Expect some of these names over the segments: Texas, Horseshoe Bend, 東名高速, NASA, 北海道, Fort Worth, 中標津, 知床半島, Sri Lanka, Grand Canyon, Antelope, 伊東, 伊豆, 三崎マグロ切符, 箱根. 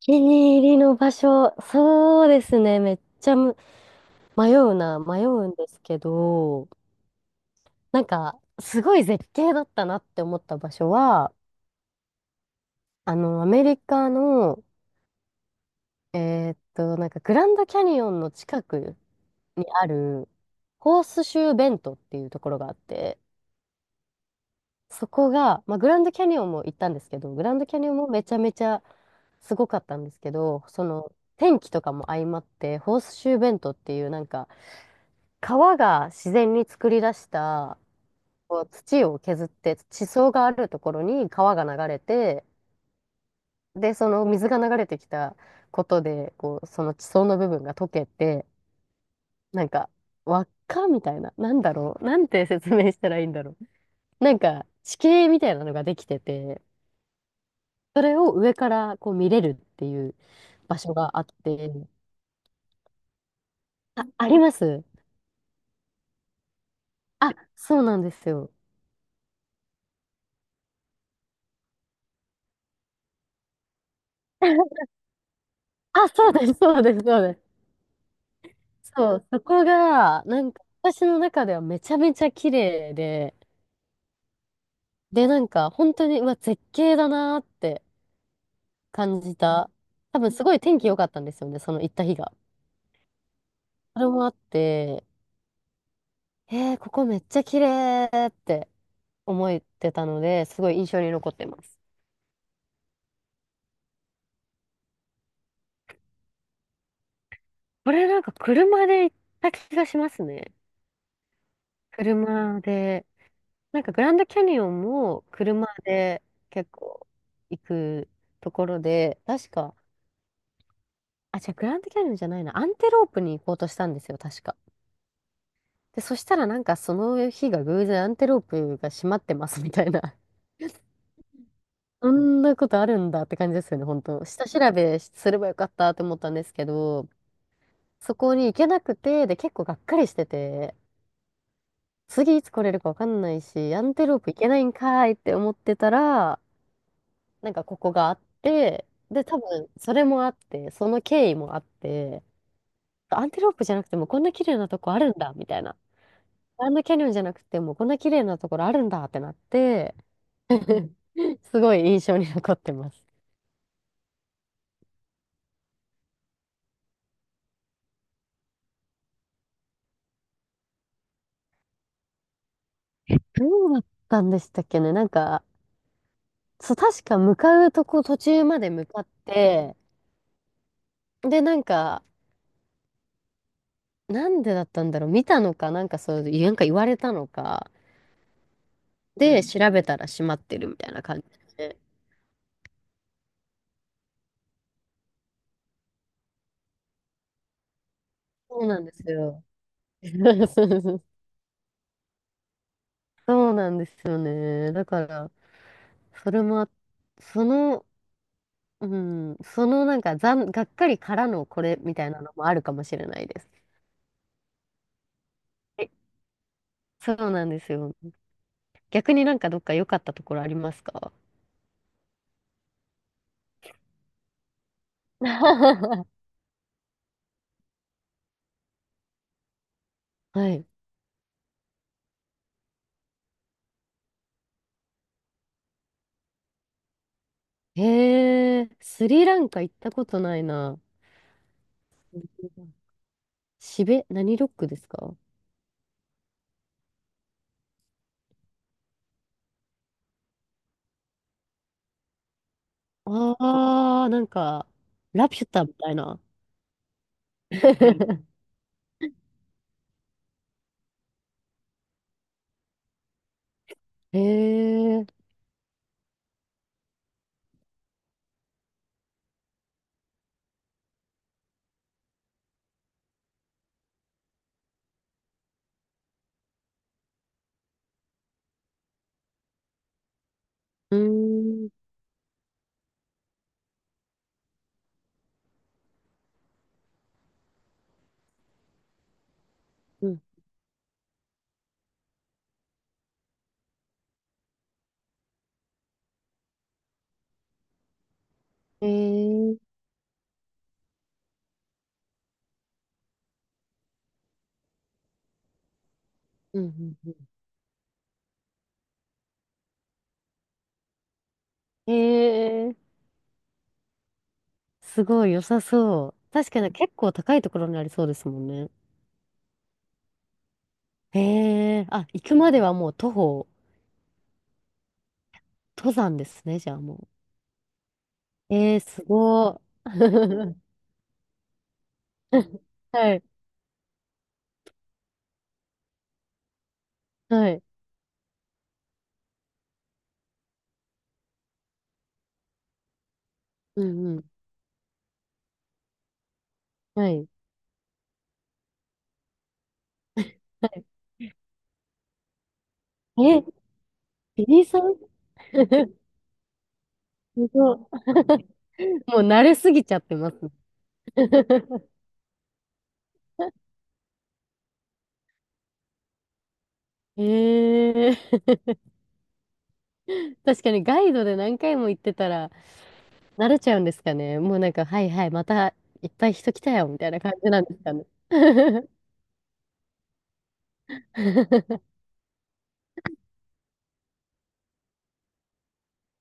気に入りの場所、そうですね、めっちゃ迷うな、迷うんですけど、なんか、すごい絶景だったなって思った場所は、アメリカの、なんか、グランドキャニオンの近くにある、ホースシューベントっていうところがあって、そこが、まあ、グランドキャニオンも行ったんですけど、グランドキャニオンもめちゃめちゃすごかったんですけど、その、天気とかも相まって、ホースシューベントっていうなんか、川が自然に作り出したこう土を削って地層があるところに川が流れて、でその水が流れてきたことでこうその地層の部分が溶けて、なんか輪っかみたいな、なんだろう、なんて説明したらいいんだろう、なんか地形みたいなのができてて、それを上からこう見れるっていう場所があって。あ、あります。あ、そうなんですよ。あ、そうです、そうです、そうです。そう、そこが、なんか私の中ではめちゃめちゃ綺麗で、で、なんか本当に、うわ、絶景だなーって感じた。多分すごい天気良かったんですよね、その行った日が。それもあって、ここめっちゃ綺麗って思ってたので、すごい印象に残ってます。これなんか車で行った気がしますね。車で。なんかグランドキャニオンも車で結構行くところで、確か、あ、じゃあグランドキャニオンじゃないな。アンテロープに行こうとしたんですよ、確か。で、そしたらなんかその日が偶然アンテロープが閉まってますみたいな。そんなことあるんだって感じですよね、本当。下調べすればよかったと思ったんですけど、そこに行けなくて、で、結構がっかりしてて、次いつ来れるかわかんないし、アンテロープ行けないんかーいって思ってたら、なんかここがあって、で、多分それもあって、その経緯もあって、アンテロープじゃなくてもこんな綺麗なとこあるんだ、みたいな。グランドキャニオンじゃなくて、もうこんな綺麗なところあるんだってなって、すごい印象に残ってます。どうだったんでしたっけね、なんか、そう、確か向かうとこ途中まで向かって、で、なんか、なんでだったんだろう見たのか、なんかそういう、なんか言われたのか、で、調べたら閉まってるみたいな感じで。そうなんですよ。そうそうそう、そうなんですよね。だから、それもあ、その、うん、そのなんか、がっかりからのこれみたいなのもあるかもしれないです。え、そうなんですよ。逆になんかどっか良かったところありますか？ はい。へえ、スリランカ行ったことないな。何ロックですか？ああー、なんか、ラピュタみたいな。へえ、うーん、うん、へえ、うん、うんうん、へえ、すごい良さそう。確かに結構高いところにありそうですもんね。へえ、あ、行くまではもう徒歩、登山ですね、じゃあもう。ええ、すごー。はい、はい、うんうん、はい。はい、え、ビリーさん。 すごい。もう慣れすぎちゃってます。ええ、確かにガイドで何回も行ってたら慣れちゃうんですかね。もうなんか、はいはい、またいっぱい人来たよ、みたいな感じなんですかね。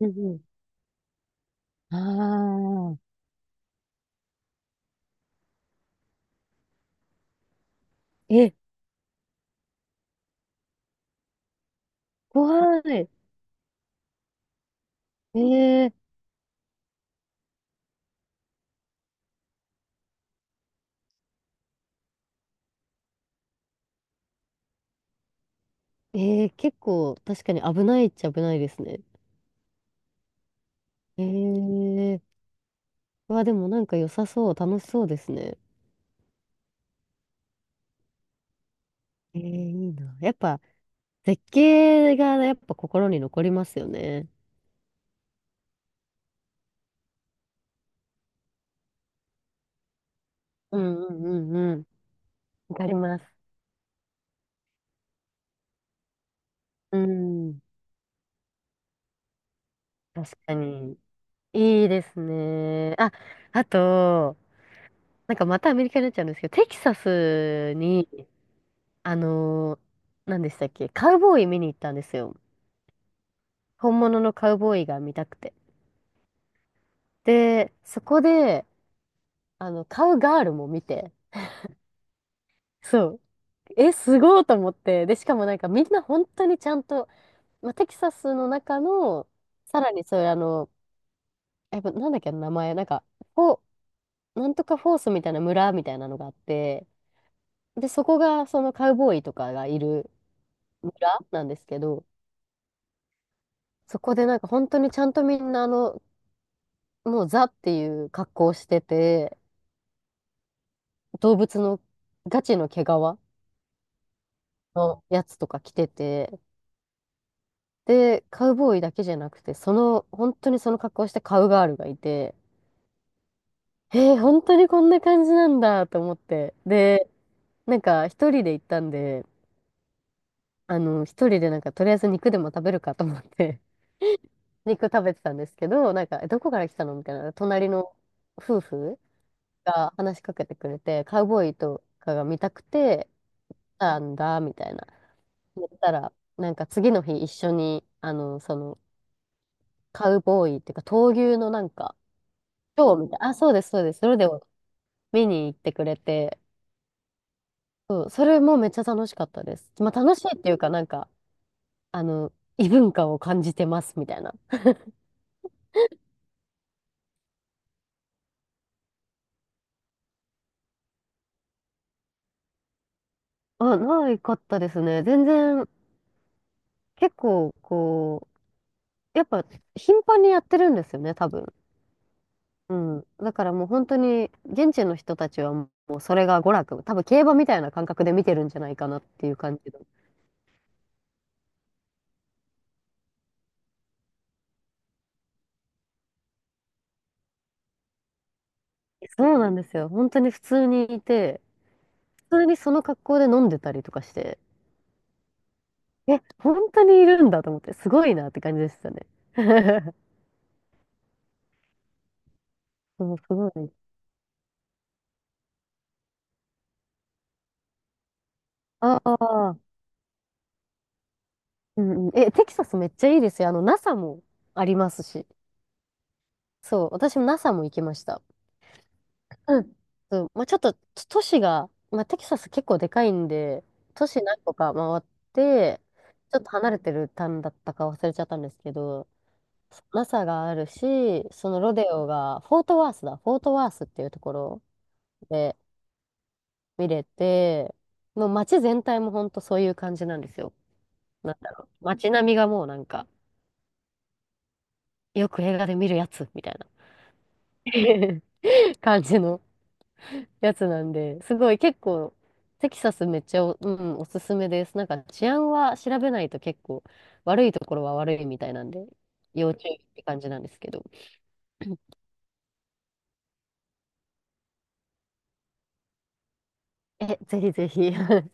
うんうん。ああ、え、怖い。ええ、ええ結構確かに危ないっちゃ危ないですね。ええうわ、でもなんか良さそう、楽しそうですね。えー、いいな。やっぱ絶景がやっぱ心に残りますよね。うんうんうんうん。わかります。うん。確かに。いいですね。あ、あと、なんかまたアメリカになっちゃうんですけど、テキサスに、あのー、何でしたっけ、カウボーイ見に行ったんですよ。本物のカウボーイが見たくて。で、そこで、カウガールも見て、そう、え、すごいと思って、で、しかもなんかみんな本当にちゃんと、まあ、テキサスの中の、さらにそういうあの、やっぱなんだっけ、名前、なんか、フォ、なんとかフォースみたいな村みたいなのがあって、で、そこがそのカウボーイとかがいる村なんですけど、そこでなんか本当にちゃんとみんなもうザっていう格好をしてて、動物のガチの毛皮のやつとか着てて、で、カウボーイだけじゃなくて、その、本当にその格好をしたカウガールがいて、えー、本当にこんな感じなんだと思って。で、なんか一人で行ったんで、一人でなんかとりあえず肉でも食べるかと思って、肉食べてたんですけど、なんか、え、どこから来たのみたいな、隣の夫婦が話しかけてくれて、カウボーイとかが見たくてなんだ、みたいな。言ったら、なんか次の日一緒に、あの、その、カウボーイっていうか、闘牛のなんか、今日みたいな。あ、そうです、そうです。それでも見に行ってくれて、そう、それもめっちゃ楽しかったです。まあ、楽しいっていうか、なんか、あの、異文化を感じてますみたいな。あ、ないかったですね。全然、結構、こう、やっぱ、頻繁にやってるんですよね、多分。うん。だからもう本当に、現地の人たちはもうそれが娯楽、多分競馬みたいな感覚で見てるんじゃないかなっていう感じの。そうなんですよ。本当に普通にいて、普通にその格好で飲んでたりとかして。え、本当にいるんだと思って、すごいなって感じでしたね。そうすごい。ああ、うんうん。え、テキサスめっちゃいいですよ。NASA もありますし。そう、私も NASA も行きました。うん。そう、まあ、ちょっと都市が、まあ、テキサス結構でかいんで、都市何個か回って、ちょっと離れてる単だったか忘れちゃったんですけど、NASA があるし、そのロデオが、フォートワースだ、フォートワースっていうところで、見れて、もう街全体もほんとそういう感じなんですよ。なんだろう。街並みがもうなんか、よく映画で見るやつみたいな 感じのやつなんで、すごい結構、テキサスめっちゃお、うん、おすすめです。なんか治安は調べないと結構悪いところは悪いみたいなんで、要注意って感じなんですけど。え、ぜひぜひ。